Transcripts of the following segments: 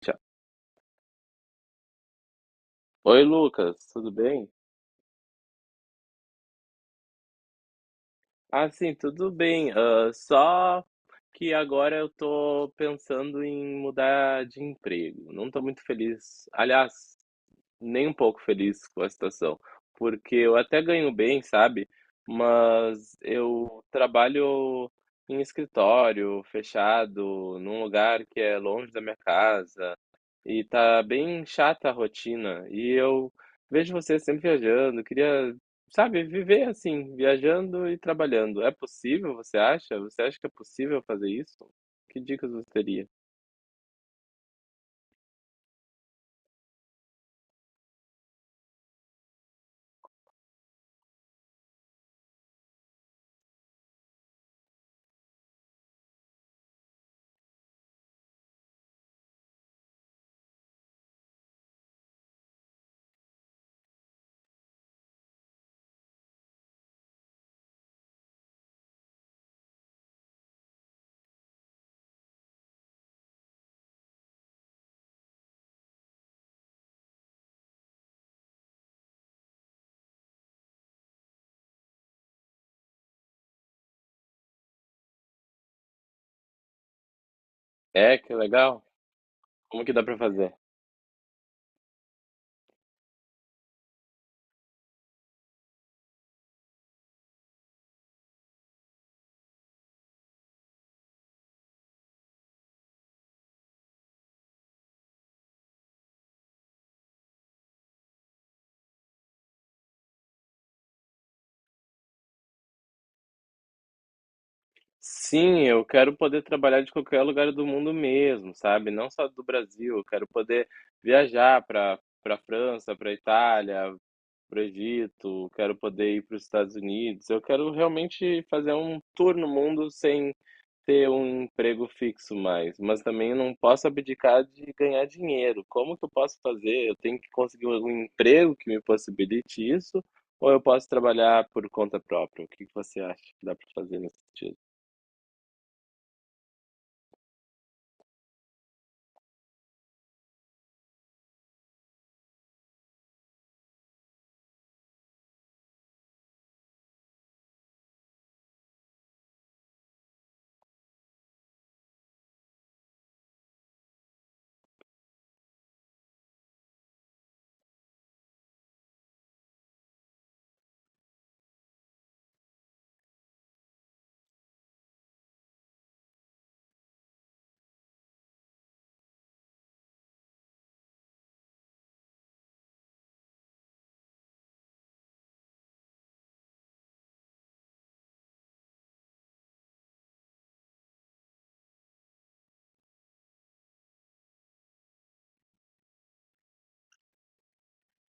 Tchau. Oi, Lucas, tudo bem? Ah, sim, tudo bem. Ah, só que agora eu tô pensando em mudar de emprego. Não tô muito feliz. Aliás, nem um pouco feliz com a situação, porque eu até ganho bem, sabe? Mas eu trabalho em escritório, fechado, num lugar que é longe da minha casa, e tá bem chata a rotina. E eu vejo você sempre viajando, queria, sabe, viver assim, viajando e trabalhando. É possível, você acha? Você acha que é possível fazer isso? Que dicas você teria? É, que legal. Como que dá pra fazer? Sim, eu quero poder trabalhar de qualquer lugar do mundo mesmo, sabe? Não só do Brasil, eu quero poder viajar para França, para Itália, para o Egito, quero poder ir para os Estados Unidos. Eu quero realmente fazer um tour no mundo sem ter um emprego fixo mais, mas também eu não posso abdicar de ganhar dinheiro. Como que eu posso fazer? Eu tenho que conseguir um emprego que me possibilite isso, ou eu posso trabalhar por conta própria? O que que você acha que dá para fazer nesse sentido?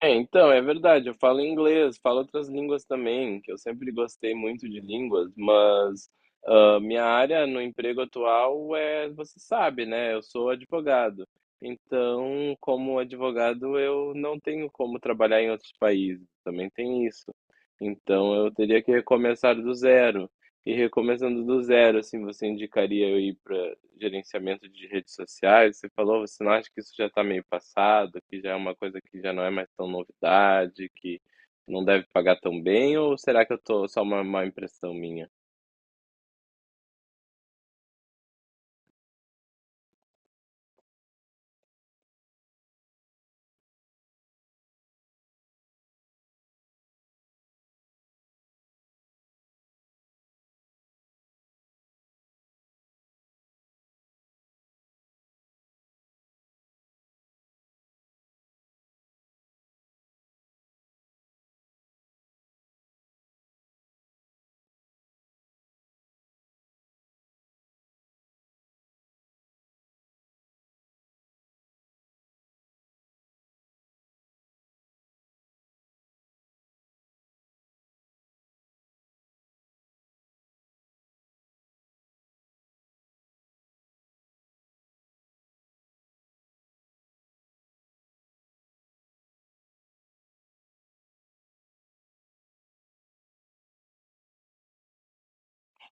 É, então, é verdade, eu falo inglês, falo outras línguas também, que eu sempre gostei muito de línguas, mas ah, minha área no emprego atual é, você sabe, né? Eu sou advogado. Então, como advogado, eu não tenho como trabalhar em outros países, também tem isso. Então, eu teria que recomeçar do zero. E recomeçando do zero, assim, você indicaria eu ir para gerenciamento de redes sociais? Você falou, você não acha que isso já está meio passado, que já é uma coisa que já não é mais tão novidade, que não deve pagar tão bem, ou será que eu tô só uma má impressão minha?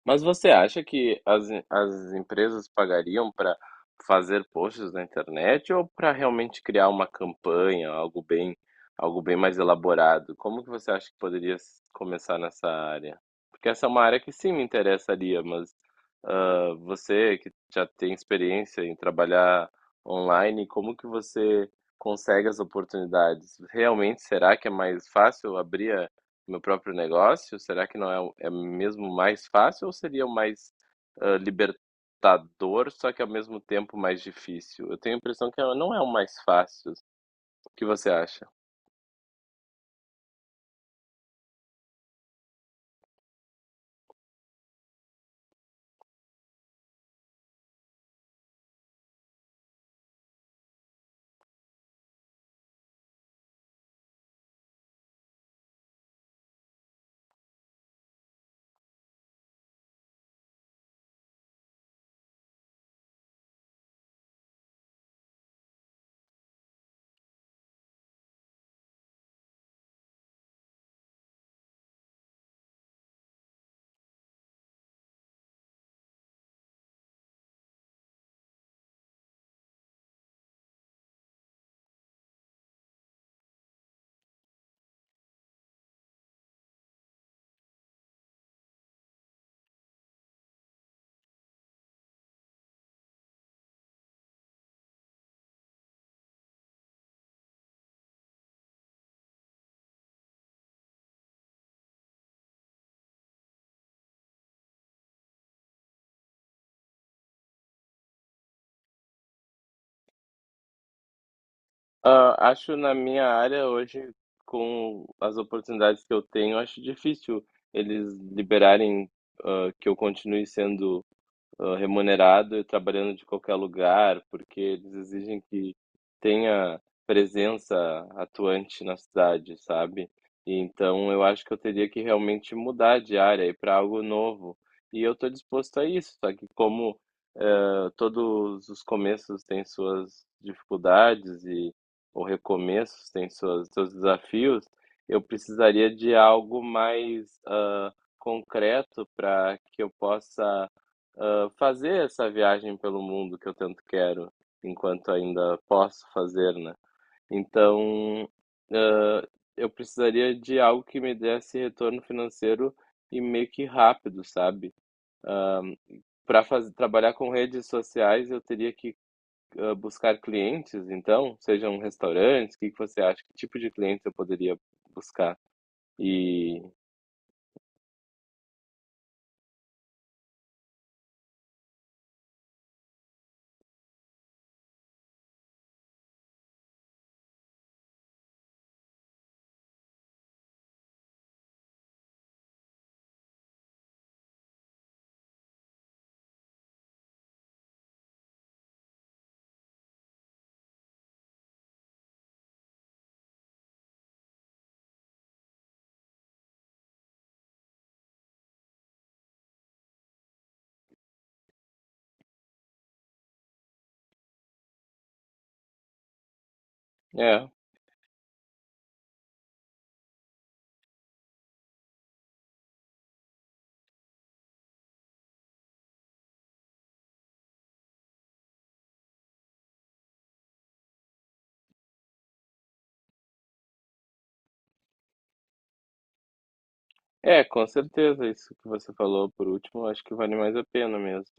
Mas você acha que as, empresas pagariam para fazer posts na internet ou para realmente criar uma campanha, algo bem mais elaborado? Como que você acha que poderia começar nessa área? Porque essa é uma área que sim me interessaria, mas ah, você que já tem experiência em trabalhar online, como que você consegue as oportunidades? Realmente, será que é mais fácil abrir meu próprio negócio? Será que não é, é mesmo mais fácil ou seria o mais ah, libertador, só que ao mesmo tempo mais difícil? Eu tenho a impressão que é, não é o mais fácil. O que você acha? Ah, acho na minha área hoje, com as oportunidades que eu tenho, acho difícil eles liberarem, ah, que eu continue sendo ah, remunerado e trabalhando de qualquer lugar, porque eles exigem que tenha presença atuante na cidade, sabe? E então eu acho que eu teria que realmente mudar de área e para algo novo. E eu estou disposto a isso, só que como eh, todos os começos têm suas dificuldades e ou recomeços têm suas, seus desafios, eu precisaria de algo mais ah, concreto para que eu possa ah, fazer essa viagem pelo mundo que eu tanto quero, enquanto ainda posso fazer, né? Então, ah, eu precisaria de algo que me desse retorno financeiro e meio que rápido, sabe? Para trabalhar com redes sociais, eu teria que ah, buscar clientes, então, sejam restaurantes, o que que você acha? Que tipo de clientes eu poderia buscar? E é, com certeza, isso que você falou por último, acho que vale mais a pena mesmo.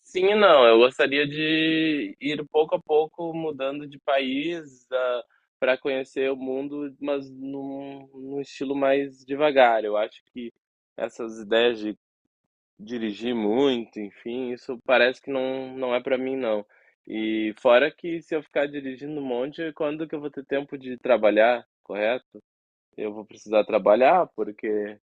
Sim e não. Eu gostaria de ir pouco a pouco mudando de país, para conhecer o mundo, mas num, num estilo mais devagar. Eu acho que essas ideias de dirigir muito, enfim, isso parece que não, não é para mim, não. E fora que se eu ficar dirigindo um monte, quando que eu vou ter tempo de trabalhar, correto? Eu vou precisar trabalhar, porque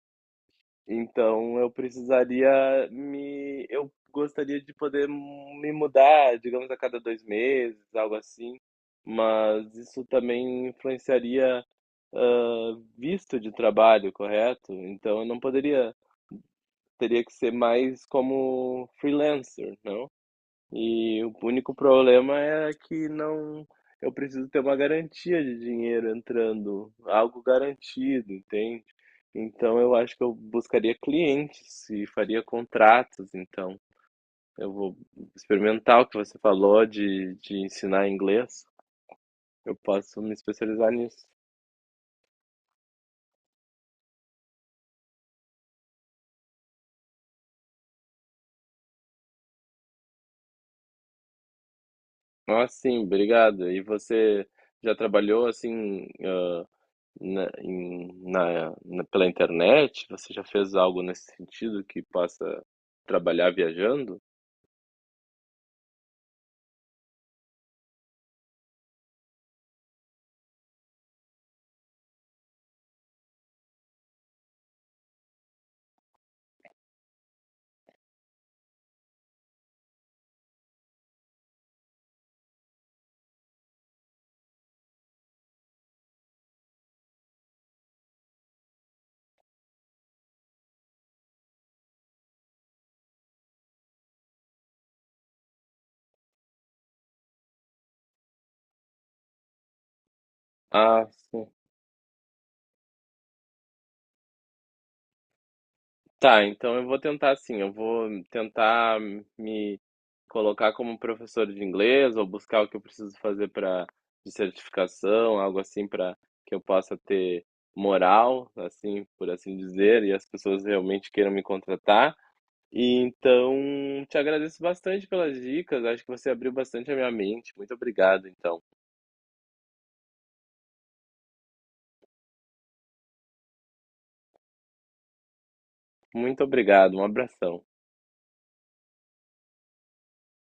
então eu precisaria me eu gostaria de poder me mudar, digamos, a cada 2 meses, algo assim, mas isso também influenciaria, hã, visto de trabalho, correto? Então eu não poderia teria que ser mais como freelancer, não? E o único problema é que não, eu preciso ter uma garantia de dinheiro entrando, algo garantido, entende? Então eu acho que eu buscaria clientes e faria contratos, então eu vou experimentar o que você falou de ensinar inglês. Eu posso me especializar nisso. Ah, sim, obrigado. E você já trabalhou assim, ah, na, pela internet? Você já fez algo nesse sentido que possa trabalhar viajando? Ah, sim. Tá, então eu vou tentar assim, eu vou tentar me colocar como professor de inglês ou buscar o que eu preciso fazer para de certificação, algo assim para que eu possa ter moral, assim, por assim dizer, e as pessoas realmente queiram me contratar. E então, te agradeço bastante pelas dicas, acho que você abriu bastante a minha mente. Muito obrigado, então. Muito obrigado, um abração.